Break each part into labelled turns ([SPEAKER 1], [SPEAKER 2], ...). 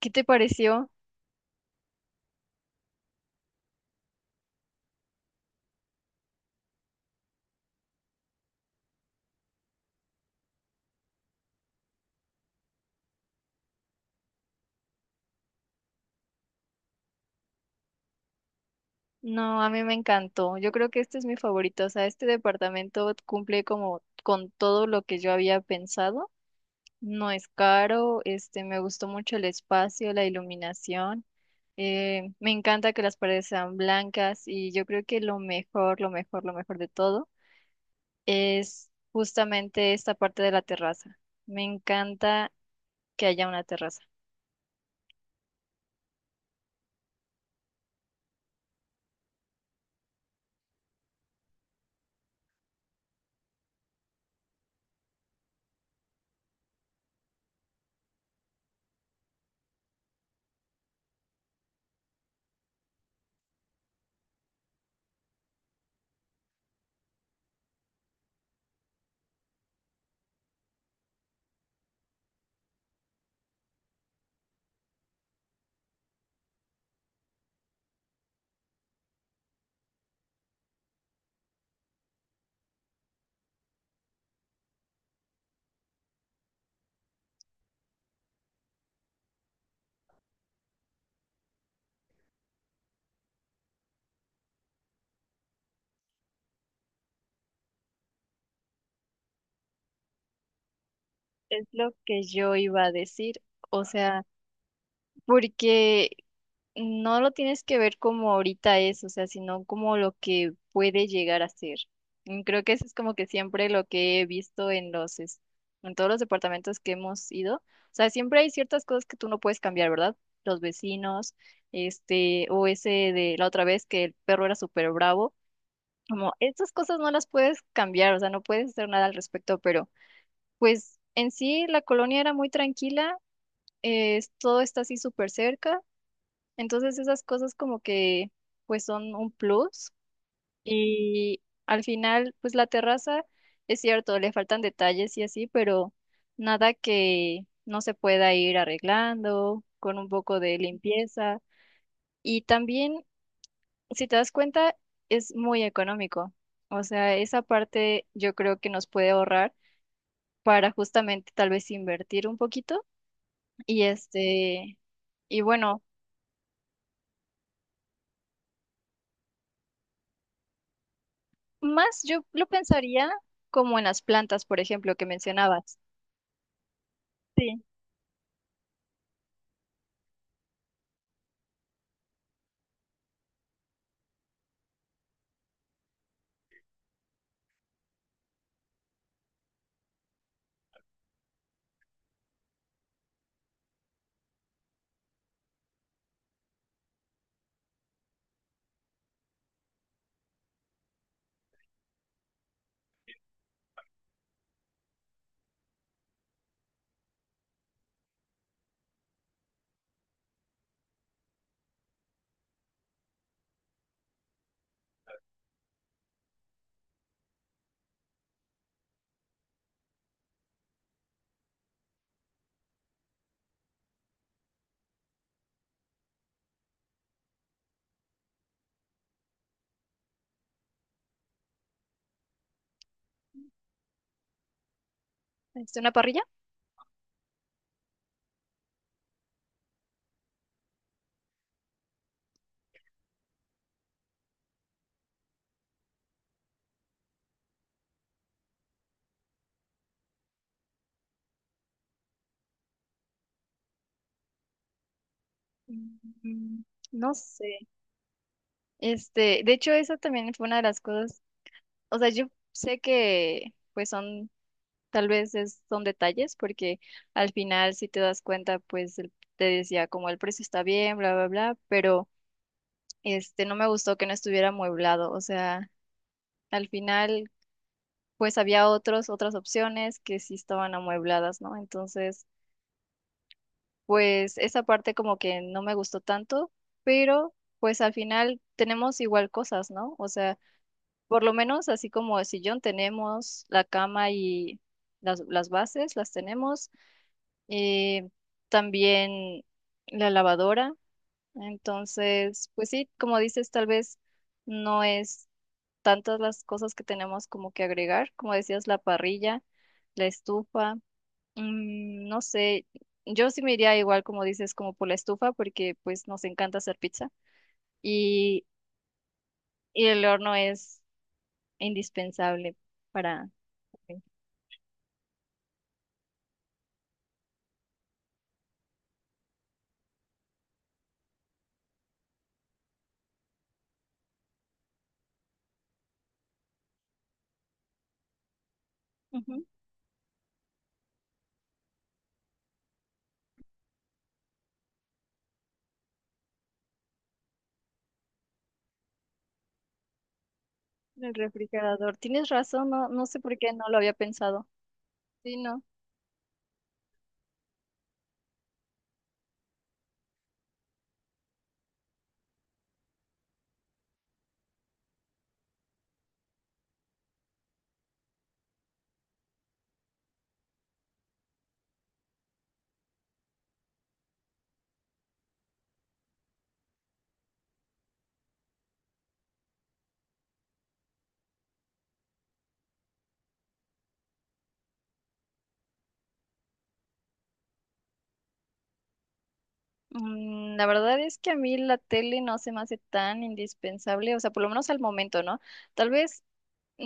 [SPEAKER 1] ¿Qué te pareció? No, a mí me encantó. Yo creo que este es mi favorito. O sea, este departamento cumple como con todo lo que yo había pensado. No es caro, me gustó mucho el espacio, la iluminación. Me encanta que las paredes sean blancas y yo creo que lo mejor, lo mejor, lo mejor de todo es justamente esta parte de la terraza. Me encanta que haya una terraza. Es lo que yo iba a decir. O sea, porque no lo tienes que ver como ahorita es, o sea, sino como lo que puede llegar a ser. Y creo que eso es como que siempre lo que he visto en todos los departamentos que hemos ido. O sea, siempre hay ciertas cosas que tú no puedes cambiar, ¿verdad? Los vecinos, o ese de la otra vez que el perro era súper bravo. Como estas cosas no las puedes cambiar, o sea, no puedes hacer nada al respecto, pero pues en sí la colonia era muy tranquila, todo está así súper cerca. Entonces esas cosas como que pues son un plus y al final pues la terraza es cierto, le faltan detalles y así, pero nada que no se pueda ir arreglando con un poco de limpieza y también si te das cuenta es muy económico. O sea, esa parte yo creo que nos puede ahorrar para justamente tal vez invertir un poquito y bueno, más yo lo pensaría como en las plantas, por ejemplo, que mencionabas. Sí. ¿Una parrilla? Mm, no sé. De hecho, eso también fue una de las cosas. O sea, yo sé que pues son, tal vez son detalles, porque al final, si te das cuenta, pues te decía como el precio está bien, bla, bla, bla, pero no me gustó que no estuviera amueblado. O sea, al final, pues había otros, otras opciones que sí estaban amuebladas, ¿no? Entonces, pues esa parte como que no me gustó tanto, pero pues al final tenemos igual cosas, ¿no? O sea, por lo menos así como el sillón tenemos, la cama y las bases las tenemos, eh, también la lavadora, entonces, pues sí, como dices, tal vez no es tantas las cosas que tenemos como que agregar, como decías, la parrilla, la estufa. Mm, no sé, yo sí me iría igual como dices, como por la estufa, porque pues nos encanta hacer pizza y, y el horno es indispensable para. Ujú. El refrigerador. Tienes razón, no, no sé por qué no lo había pensado. Sí, no. Mm, la verdad es que a mí la tele no se me hace tan indispensable, o sea, por lo menos al momento, ¿no? Tal vez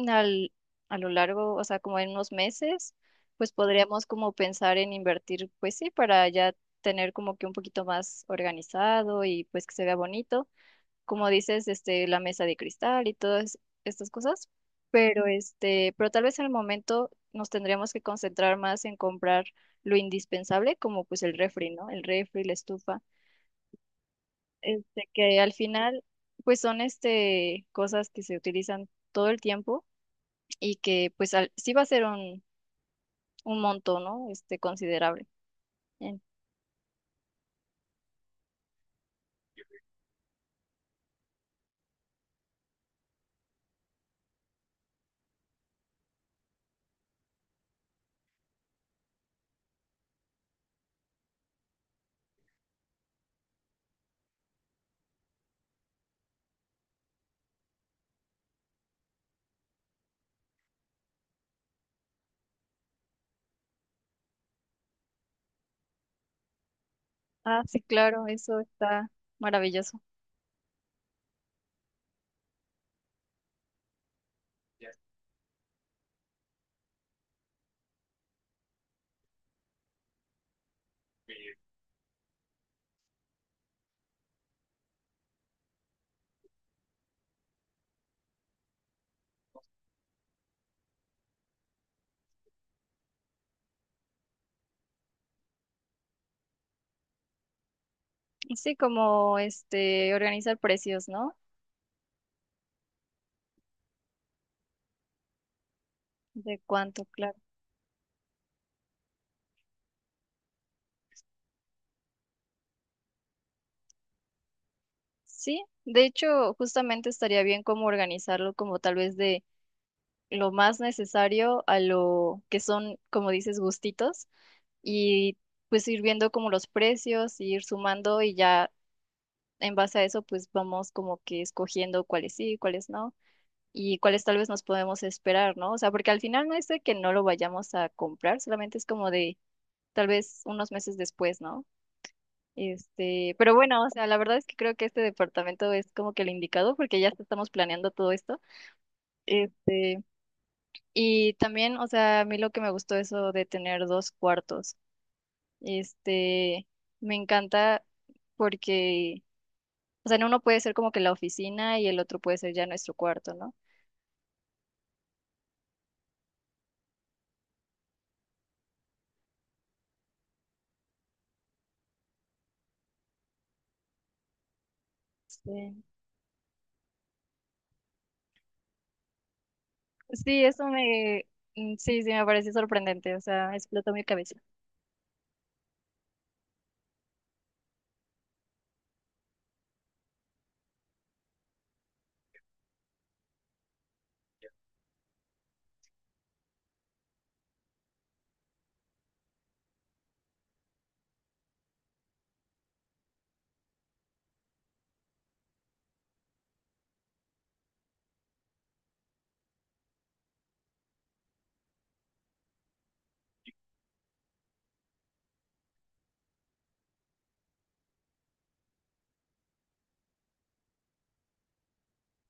[SPEAKER 1] al- a lo largo, o sea, como en unos meses, pues podríamos como pensar en invertir, pues sí, para ya tener como que un poquito más organizado y pues que se vea bonito, como dices, la mesa de cristal y todas estas cosas, pero pero tal vez en el momento nos tendríamos que concentrar más en comprar lo indispensable, como pues el refri, ¿no? El refri, la estufa, que al final, pues son cosas que se utilizan todo el tiempo y que pues sí va a ser un monto, ¿no? Considerable. En- Ah, sí, claro, eso está maravilloso. Y sí, como organizar precios, ¿no? De cuánto, claro. Sí, de hecho, justamente estaría bien como organizarlo como tal vez de lo más necesario a lo que son, como dices, gustitos y pues ir viendo como los precios, ir sumando y ya en base a eso pues vamos como que escogiendo cuáles sí, cuáles no y cuáles tal vez nos podemos esperar, ¿no? O sea, porque al final no es de que no lo vayamos a comprar, solamente es como de tal vez unos meses después, ¿no? Pero bueno, o sea, la verdad es que creo que este departamento es como que el indicado porque ya estamos planeando todo esto. Este, y también, o sea, a mí lo que me gustó eso de tener dos cuartos. Este, me encanta porque, o sea, en uno puede ser como que la oficina y el otro puede ser ya nuestro cuarto, ¿no? Sí. Sí, sí, sí, me parece sorprendente, o sea, explotó mi cabeza.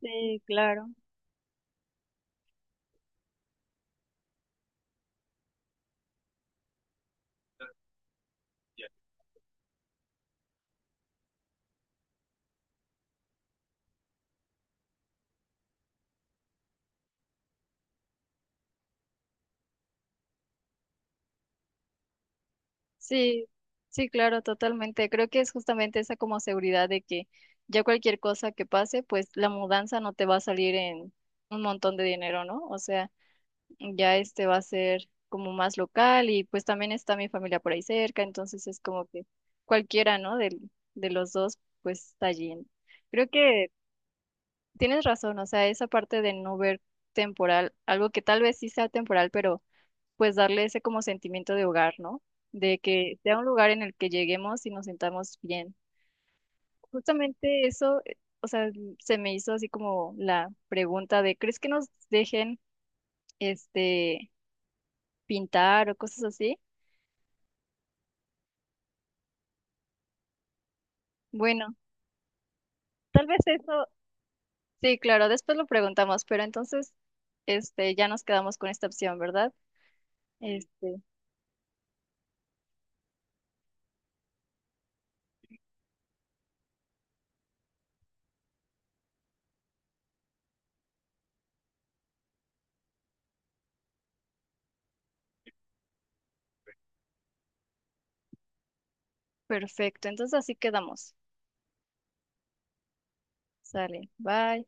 [SPEAKER 1] Sí, claro. Sí, sí, claro, totalmente. Creo que es justamente esa como seguridad de que ya cualquier cosa que pase, pues la mudanza no te va a salir en un montón de dinero, ¿no? O sea, ya va a ser como más local y pues también está mi familia por ahí cerca, entonces es como que cualquiera, ¿no? De, los dos, pues está allí, ¿no? Creo que Tienes razón, o sea, esa parte de no ver temporal, algo que tal vez sí sea temporal, pero pues darle ese como sentimiento de hogar, ¿no? De que sea un lugar en el que lleguemos y nos sintamos bien. Justamente eso, o sea, se me hizo así como la pregunta de, ¿crees que nos dejen este pintar o cosas así? Bueno, tal vez eso, sí, claro, después lo preguntamos, pero entonces ya nos quedamos con esta opción, ¿verdad? Este, perfecto, entonces así quedamos. Sale, bye.